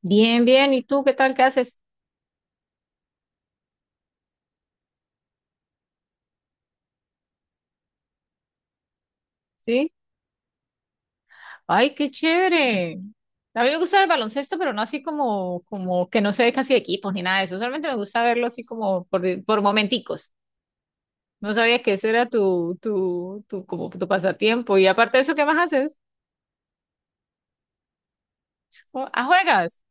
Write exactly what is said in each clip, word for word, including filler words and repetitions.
Bien, bien. ¿Y tú qué tal? ¿Qué haces? Sí. Ay, qué chévere. A mí me gusta el baloncesto, pero no así como, como que no se ve casi de equipos ni nada de eso. Solamente me gusta verlo así como por, por momenticos. No sabía que ese era tu, tu, tu, como tu pasatiempo. Y aparte de eso, ¿qué más haces? Oh, ah, juegas.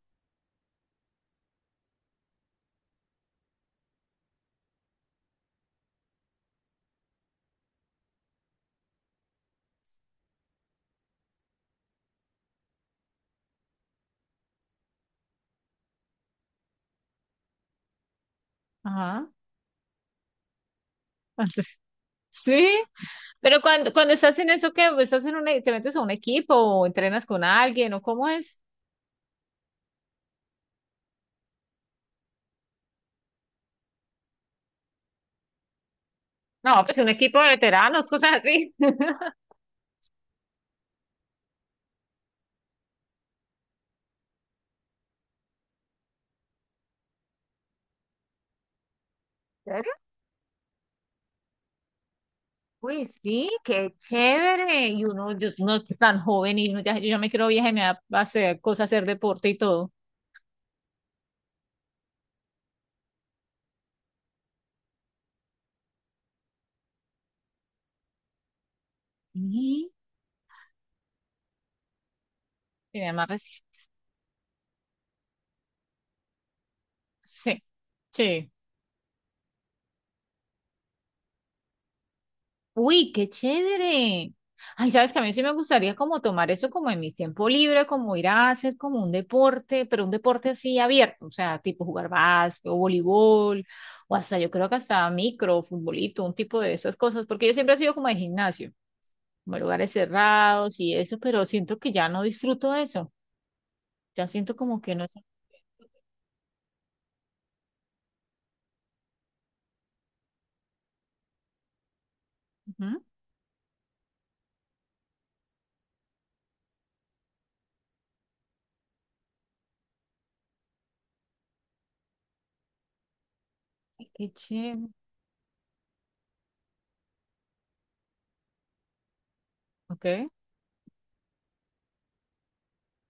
Ajá. Sí, pero cuando, cuando estás en eso, ¿qué? Pues, ¿Estás en un, e- te metes a un equipo o entrenas con alguien o cómo es? No, pues un equipo de veteranos, cosas así. Uy, sí, qué chévere. Y uno, yo, no es tan joven y uno ya, yo ya me quiero vieja y me da a hacer cosas, hacer deporte y todo. Y tiene más resistencia. Sí, sí. Uy, qué chévere. Ay, sabes que a mí sí me gustaría como tomar eso como en mi tiempo libre, como ir a hacer como un deporte, pero un deporte así abierto, o sea, tipo jugar básquet o voleibol, o hasta yo creo que hasta micro, futbolito, un tipo de esas cosas, porque yo siempre he sido como de gimnasio. Como lugares cerrados y eso, pero siento que ya no disfruto eso. Ya siento como que no es. Ujú. Qué chévere. Ok.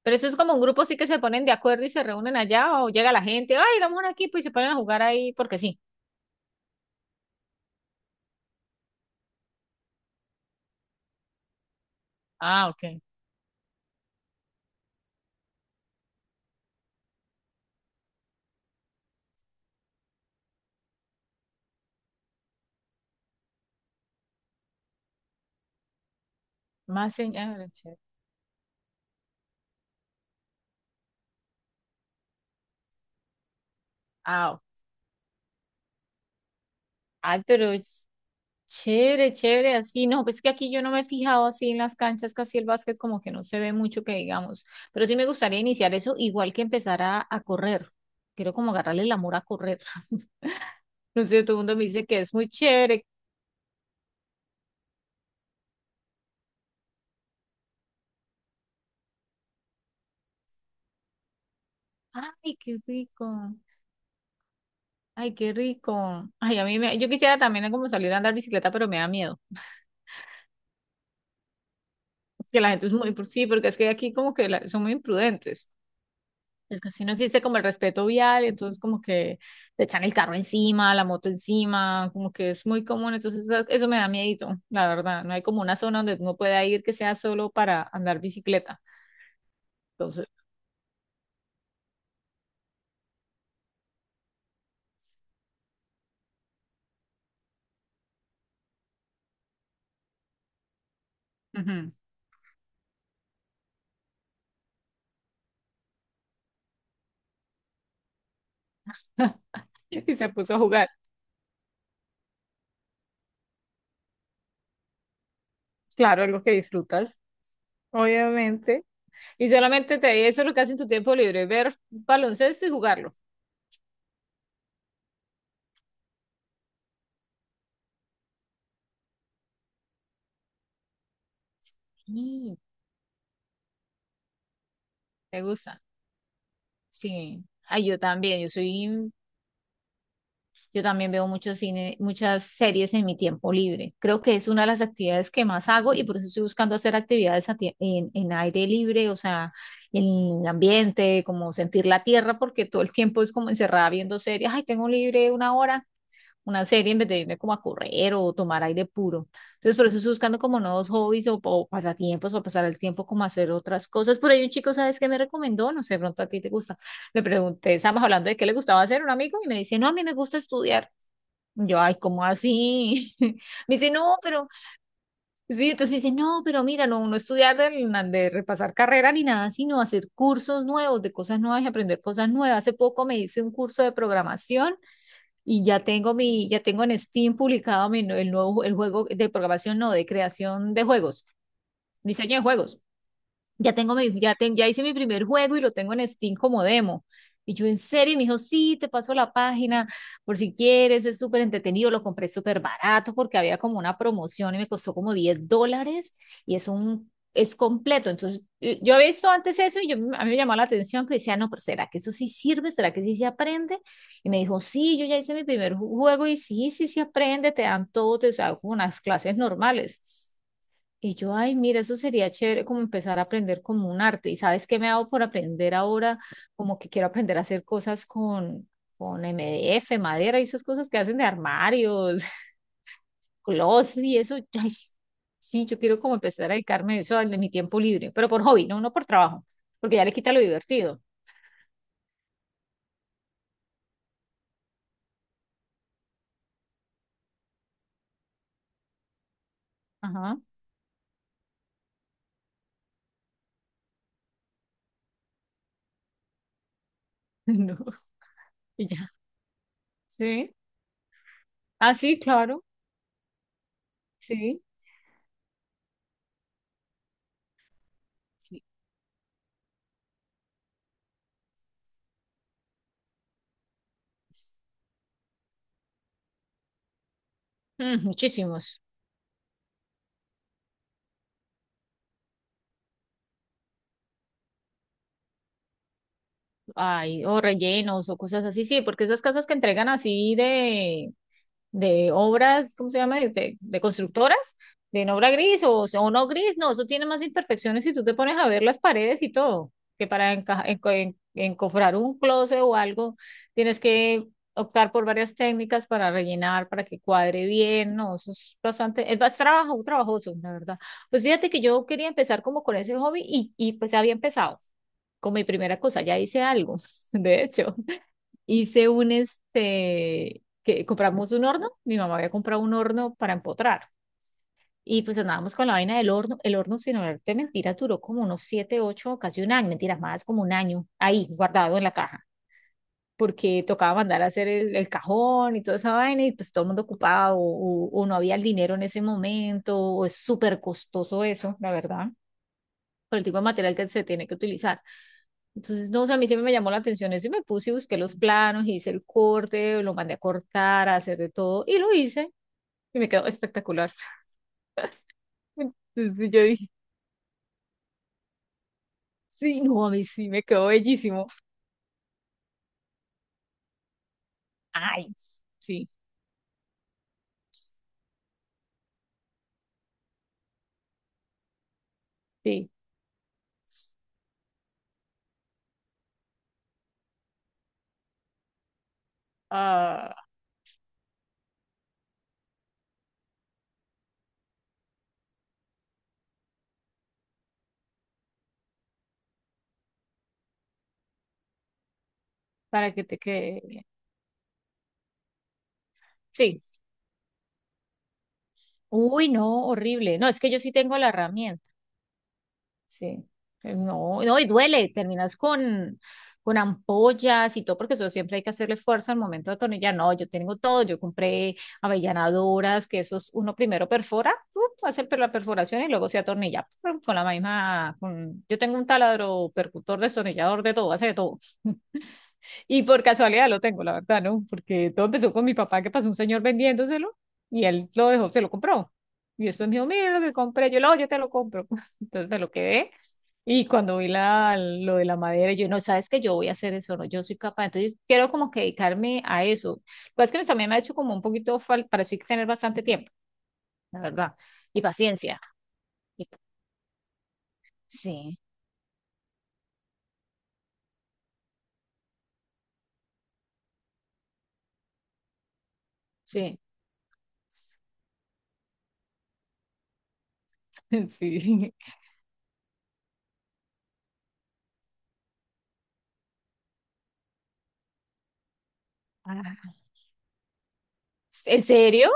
Pero eso es como un grupo sí que se ponen de acuerdo y se reúnen allá o llega la gente, ay, vamos a un equipo y se ponen a jugar ahí porque sí. Ah, ok. Más señales, chévere. Ah, ok. Ay, pero ch- chévere, chévere, así. No, pues que aquí yo no me he fijado así en las canchas, casi el básquet como que no se ve mucho que digamos. Pero sí me gustaría iniciar eso igual que empezar a, a correr. Quiero como agarrarle el amor a correr. No sé, todo el mundo me dice que es muy chévere. Ay, qué rico. Ay, qué rico. Ay, a mí me, yo quisiera también como salir a andar bicicleta, pero me da miedo. Que la gente es muy, sí, porque es que aquí como que la- son muy imprudentes. Es que así no existe como el respeto vial, entonces como que te echan el carro encima, la moto encima, como que es muy común, entonces eso, eso me da miedito, la verdad. No hay como una zona donde uno pueda ir que sea solo para andar bicicleta. Entonces, ujú. Y se puso a jugar. Claro, algo que disfrutas, obviamente. Y solamente te eso es lo que haces en tu tiempo libre, ver baloncesto y jugarlo. Mm, ¿te gusta? Sí. Ay, yo también, yo soy, yo también veo mucho cine, muchas series en mi tiempo libre. Creo que es una de las actividades que más hago y por eso estoy buscando hacer actividades a tie- en, en aire libre, o sea, en el ambiente, como sentir la tierra, porque todo el tiempo es como encerrada viendo series. Ay, tengo libre una hora. Una serie en vez de irme como a correr o tomar aire puro. Entonces, por eso estoy buscando como nuevos hobbies o, o pasatiempos o pasar el tiempo como a hacer otras cosas. Por ahí un chico, ¿sabes qué me recomendó? No sé, pronto a ti te gusta. Le pregunté, estábamos hablando de qué le gustaba hacer un amigo y me dice, no, a mí me gusta estudiar. Y Yo, ay, ¿cómo así? Me dice, no, pero, sí, entonces dice, no, pero mira, no, no estudiar de, de repasar carrera ni nada, sino hacer cursos nuevos, de cosas nuevas y aprender cosas nuevas. Hace poco me hice un curso de programación y ya tengo mi, ya tengo en Steam publicado mi, el nuevo el juego de programación, no, de creación de juegos, diseño de juegos ya tengo mi, ya, ten- ya hice mi primer juego y lo tengo en Steam como demo. Y yo, en serio, y me dijo, sí, te paso la página por si quieres, es súper entretenido, lo compré súper barato porque había como una promoción y me costó como diez dólares y es un, es completo. Entonces, eh, yo había visto antes eso y yo, a mí me llamó la atención, pero decía, no, pero ¿será que eso sí sirve? ¿Será que sí se aprende? Y me dijo, sí, yo ya hice mi primer ju- juego y sí, sí se aprende, te dan todo, te dan unas clases normales. Y yo, ay, mira, eso sería chévere como empezar a aprender como un arte. ¿Y sabes qué me hago por aprender ahora? Como que quiero aprender a hacer cosas con, con M D F, madera y esas cosas que hacen de armarios, closet y eso. Ay, sí, yo quiero como empezar a dedicarme a eso en mi tiempo libre, pero por hobby, no, no por trabajo, porque ya le quita lo divertido. Ajá, no, y ya. Sí. Ah, sí, claro, sí. Sí. Mm, muchísimos. Ay, o rellenos o cosas así, sí, porque esas casas que entregan así de de obras, ¿cómo se llama? De, de- de constructoras, de en obra gris o, o no gris, no, eso tiene más imperfecciones si tú te pones a ver las paredes y todo, que para enca- enco- en- encofrar un closet o algo, tienes que optar por varias técnicas para rellenar, para que cuadre bien, no, eso es bastante, es más trabajo, trabajoso, la verdad. Pues fíjate que yo quería empezar como con ese hobby y, y pues había empezado con mi primera cosa, ya hice algo, de hecho hice un este, que compramos un horno, mi mamá había comprado un horno para empotrar. Y pues andábamos con la vaina del horno. El horno, sin olvidarte mentiras, duró como unos siete, ocho, casi un año, mentiras más, como un año ahí, guardado en la caja, porque tocaba mandar a hacer el, el cajón y toda esa vaina, y pues todo el mundo ocupado, o, o no había el dinero en ese momento, o es súper costoso eso, la verdad, por el tipo de material que se tiene que utilizar. Entonces, no, o sea, a mí siempre me llamó la atención eso y me puse y busqué los planos, hice el corte, lo mandé a cortar, a hacer de todo y lo hice y me quedó espectacular. Entonces yo dije, sí, no, a mí sí, me quedó bellísimo. Ay, sí, sí, ah, para que te quede bien. Sí, uy, no, horrible. No, es que yo sí tengo la herramienta. Sí, no, no, y duele, terminas con, con ampollas y todo, porque eso siempre hay que hacerle fuerza al momento de atornillar. No, yo tengo todo, yo compré avellanadoras, que esos uno primero perfora, uh, hace per- la perforación y luego se atornilla pum, con la misma, con- yo tengo un taladro percutor, destornillador, de todo, hace de todo. Y por casualidad lo tengo, la verdad, ¿no? Porque todo empezó con mi papá, que pasó un señor vendiéndoselo y él lo dejó, se lo compró. Y después me dijo, mira lo que compré, yo lo, yo te lo compro. Entonces me lo quedé y cuando vi la, lo de la madera, yo no, sabes que yo voy a hacer eso, no, yo soy capaz. Entonces, quiero como que dedicarme a eso. Lo que es que también me ha hecho como un poquito falta, para eso hay que tener bastante tiempo, la verdad, y paciencia. Y- sí, sí, sí. Ah, ¿En serio?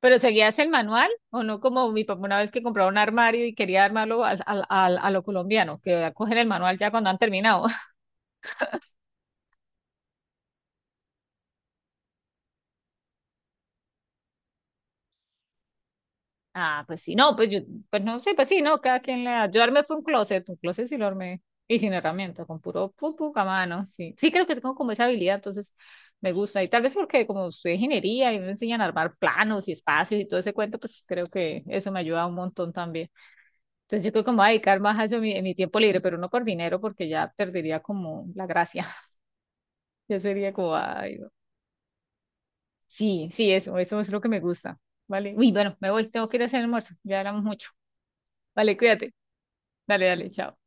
¿Pero seguías el manual o no como mi papá una vez que compraba un armario y quería armarlo a, a- a- a lo colombiano, que cogen el manual ya cuando han terminado? Ah, pues sí, no, pues yo, pues no sé, pues sí, no, cada quien le da. Yo armé fue un closet, un closet sí lo armé, y sin herramienta, con puro pu- pu- a mano, sí. Sí, creo que sí tengo como esa habilidad, entonces me gusta, y tal vez porque como estudié ingeniería y me enseñan a armar planos y espacios y todo ese cuento, pues creo que eso me ayuda un montón también. Entonces yo creo que me voy a dedicar más a eso en mi, en mi tiempo libre, pero no por dinero, porque ya perdería como la gracia, ya sería como, ay, no. Sí, sí, eso, eso es lo que me gusta, ¿vale? Uy, bueno, me voy, tengo que ir a hacer almuerzo, ya hablamos mucho. Vale, cuídate. Dale, dale, chao.